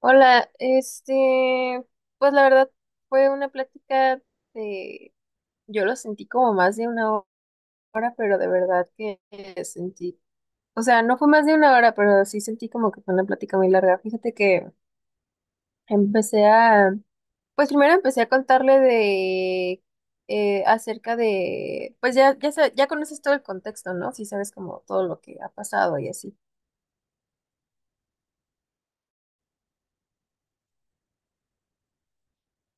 Hola, pues la verdad fue una plática de, yo lo sentí como más de una hora, pero de verdad que sentí, o sea, no fue más de una hora, pero sí sentí como que fue una plática muy larga. Fíjate que empecé a, pues primero empecé a contarle acerca de, pues ya conoces todo el contexto, ¿no? Si sabes como todo lo que ha pasado y así,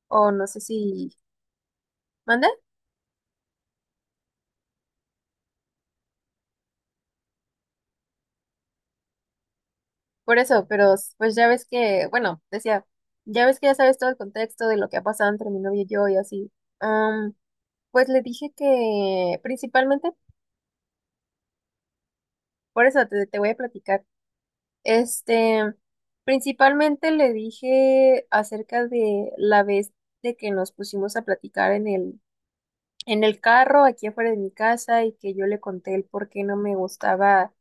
o no sé si, ¿mande? Por eso, pero pues ya ves que, bueno, decía, ya ves que ya sabes todo el contexto de lo que ha pasado entre mi novio y yo y así. Am, pues le dije que principalmente, por eso te voy a platicar, este, principalmente le dije acerca de la vez de que nos pusimos a platicar en el carro aquí afuera de mi casa y que yo le conté el por qué no me gustaba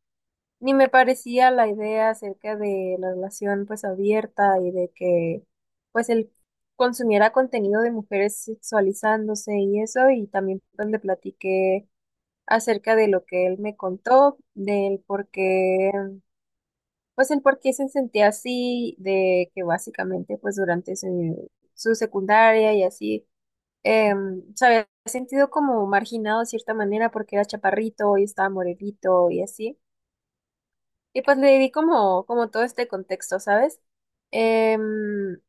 ni me parecía la idea acerca de la relación pues abierta y de que pues él consumiera contenido de mujeres sexualizándose y eso, y también pues le platiqué acerca de lo que él me contó, del por qué pues el por qué se sentía así, de que básicamente pues durante su secundaria y así se había sentido como marginado de cierta manera porque era chaparrito y estaba morelito y así. Y pues le di como todo este contexto, ¿sabes? Em,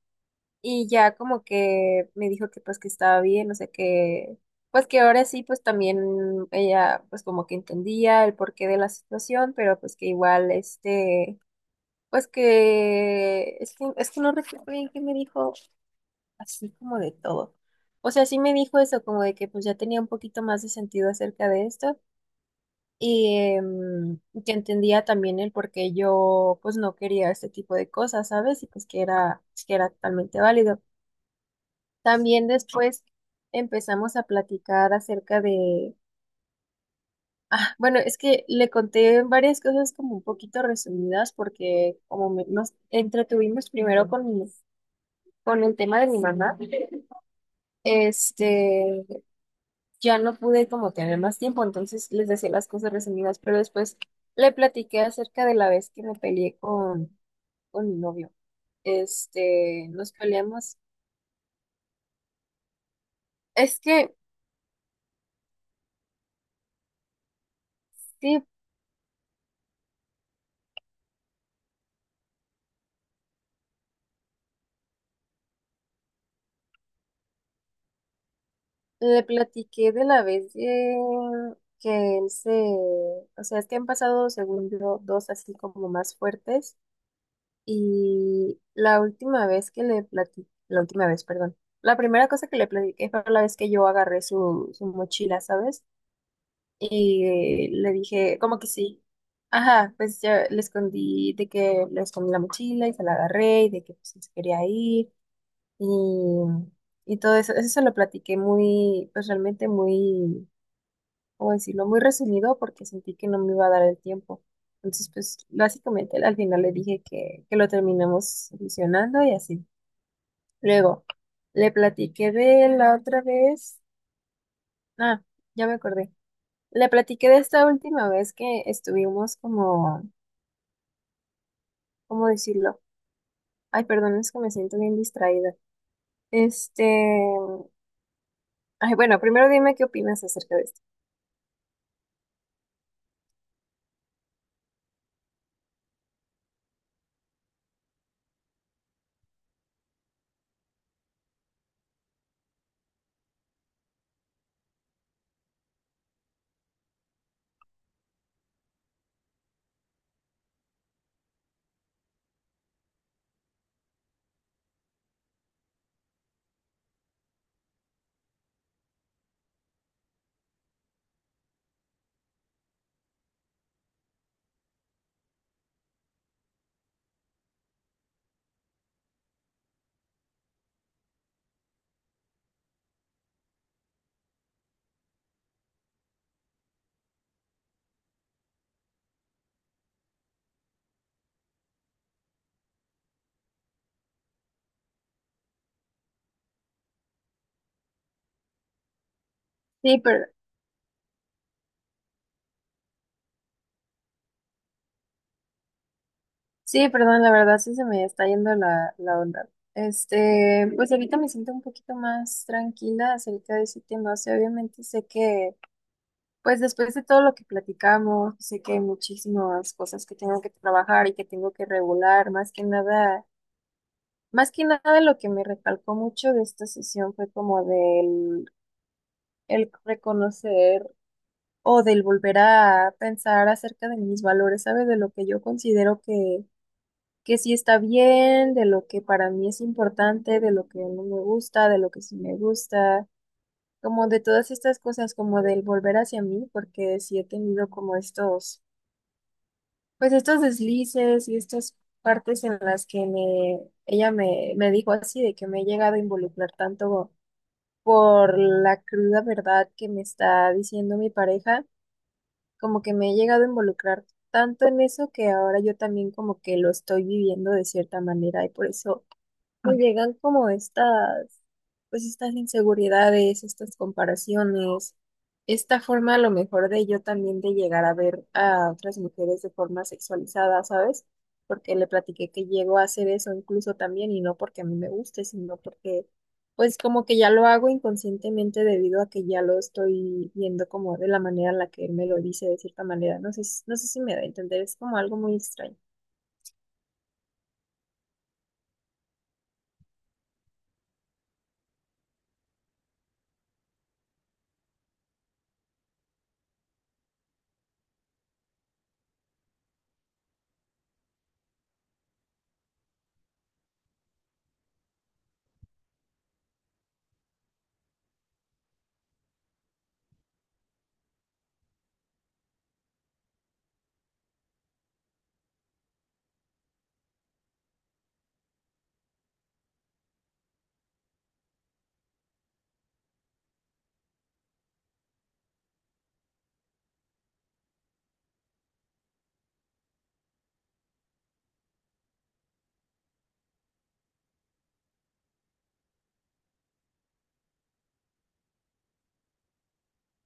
y ya como que me dijo que pues que estaba bien, o sea que, pues que ahora sí, pues también ella pues como que entendía el porqué de la situación, pero pues que igual este, pues es que no recuerdo bien qué me dijo así como de todo. O sea, sí me dijo eso, como de que pues ya tenía un poquito más de sentido acerca de esto y em, que entendía también el por qué yo pues no quería este tipo de cosas, ¿sabes? Y pues que era totalmente válido. También después empezamos a platicar acerca de, ah, bueno, es que le conté varias cosas como un poquito resumidas porque como nos entretuvimos primero con el tema de mi mamá, este, ya no pude como tener más tiempo, entonces les decía las cosas resumidas, pero después... Le platiqué acerca de la vez que me peleé con mi novio. Este, nos peleamos. Es que sí, le platiqué de la vez que él se, o sea, es que han pasado, según yo, dos así como más fuertes. Y la última vez que le platiqué, la última vez, perdón. La primera cosa que le platiqué fue la vez que yo agarré su mochila, ¿sabes? Y le dije, como que sí. Ajá, pues ya le escondí, de que le escondí la mochila y se la agarré y de que pues, se quería ir. y, y todo eso. Eso se lo platiqué pues realmente muy, ¿cómo decirlo? Muy resumido porque sentí que no me iba a dar el tiempo. Entonces, pues básicamente al final le dije que lo terminamos solucionando y así. Luego, le platiqué de la otra vez. Ah, ya me acordé. Le platiqué de esta última vez que estuvimos como, ¿cómo decirlo? Ay, perdón, es que me siento bien distraída. Este, ay, bueno, primero dime qué opinas acerca de esto. Sí, pero sí, perdón, la verdad sí se me está yendo la onda. Este, pues ahorita me siento un poquito más tranquila acerca de ese tema. O sea, obviamente sé que, pues después de todo lo que platicamos, sé que hay muchísimas cosas que tengo que trabajar y que tengo que regular. Más que nada lo que me recalcó mucho de esta sesión fue como del el reconocer o del volver a pensar acerca de mis valores, ¿sabes? De lo que yo considero que sí está bien, de lo que para mí es importante, de lo que no me gusta, de lo que sí me gusta, como de todas estas cosas, como del volver hacia mí, porque sí he tenido como pues estos deslices y estas partes en las que ella me dijo así, de que me he llegado a involucrar tanto por la cruda verdad que me está diciendo mi pareja, como que me he llegado a involucrar tanto en eso, que ahora yo también como que lo estoy viviendo de cierta manera y por eso me llegan como pues estas inseguridades, estas comparaciones, esta forma a lo mejor de yo también de llegar a ver a otras mujeres de forma sexualizada, ¿sabes? Porque le platiqué que llego a hacer eso incluso también y no porque a mí me guste, sino porque pues como que ya lo hago inconscientemente debido a que ya lo estoy viendo como de la manera en la que él me lo dice de cierta manera. No sé, no sé si me da a entender, es como algo muy extraño.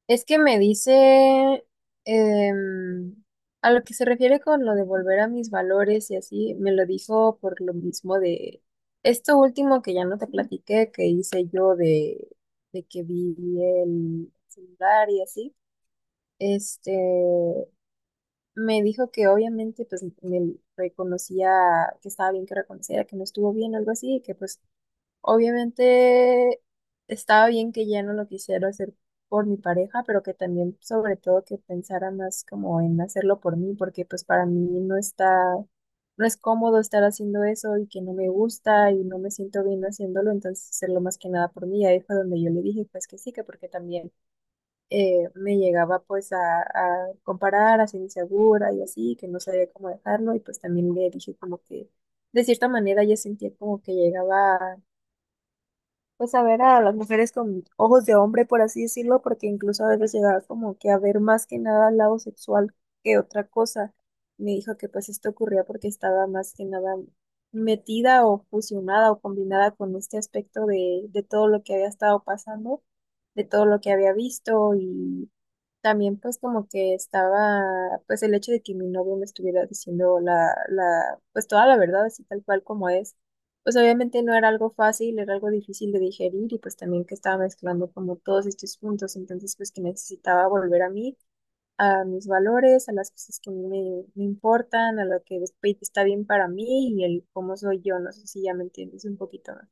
Es que me dice em, a lo que se refiere con lo de volver a mis valores y así, me lo dijo por lo mismo de esto último que ya no te platiqué, que hice yo de que vi el celular y así. Este, me dijo que obviamente pues me reconocía que estaba bien que reconociera que no estuvo bien o algo así, y que pues obviamente estaba bien que ya no lo quisiera hacer por mi pareja, pero que también sobre todo que pensara más como en hacerlo por mí, porque pues para mí no está, no es cómodo estar haciendo eso y que no me gusta y no me siento bien haciéndolo, entonces hacerlo más que nada por mí. Ahí fue donde yo le dije pues que sí, que porque también me llegaba pues a comparar, a ser insegura y así, que no sabía cómo dejarlo, y pues también le dije como que de cierta manera yo sentía como que llegaba pues a ver a las mujeres con ojos de hombre, por así decirlo, porque incluso a veces llegaba como que a ver más que nada al lado sexual que otra cosa. Me dijo que pues esto ocurría porque estaba más que nada metida o fusionada o combinada con este aspecto de todo lo que había estado pasando, de todo lo que había visto, y también pues como que estaba pues el hecho de que mi novio me estuviera diciendo pues toda la verdad así tal cual como es, pues obviamente no era algo fácil, era algo difícil de digerir, y pues también que estaba mezclando como todos estos puntos, entonces pues que necesitaba volver a mí, a mis valores, a las cosas que a mí me importan, a lo que después está bien para mí y el cómo soy yo, no sé si ya me entiendes un poquito más.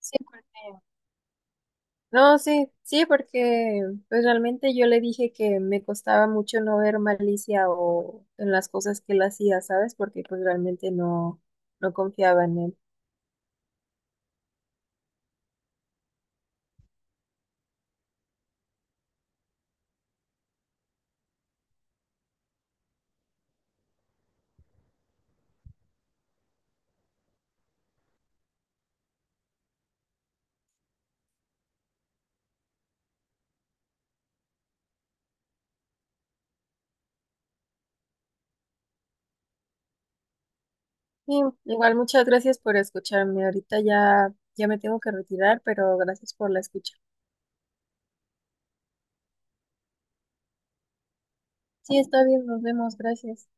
Sí, porque no, sí, sí, porque pues realmente yo le dije que me costaba mucho no ver malicia o en las cosas que él hacía, ¿sabes? Porque pues realmente no, no confiaba en él. Sí, igual muchas gracias por escucharme. Ahorita ya, ya me tengo que retirar, pero gracias por la escucha. Sí, está bien, nos vemos, gracias.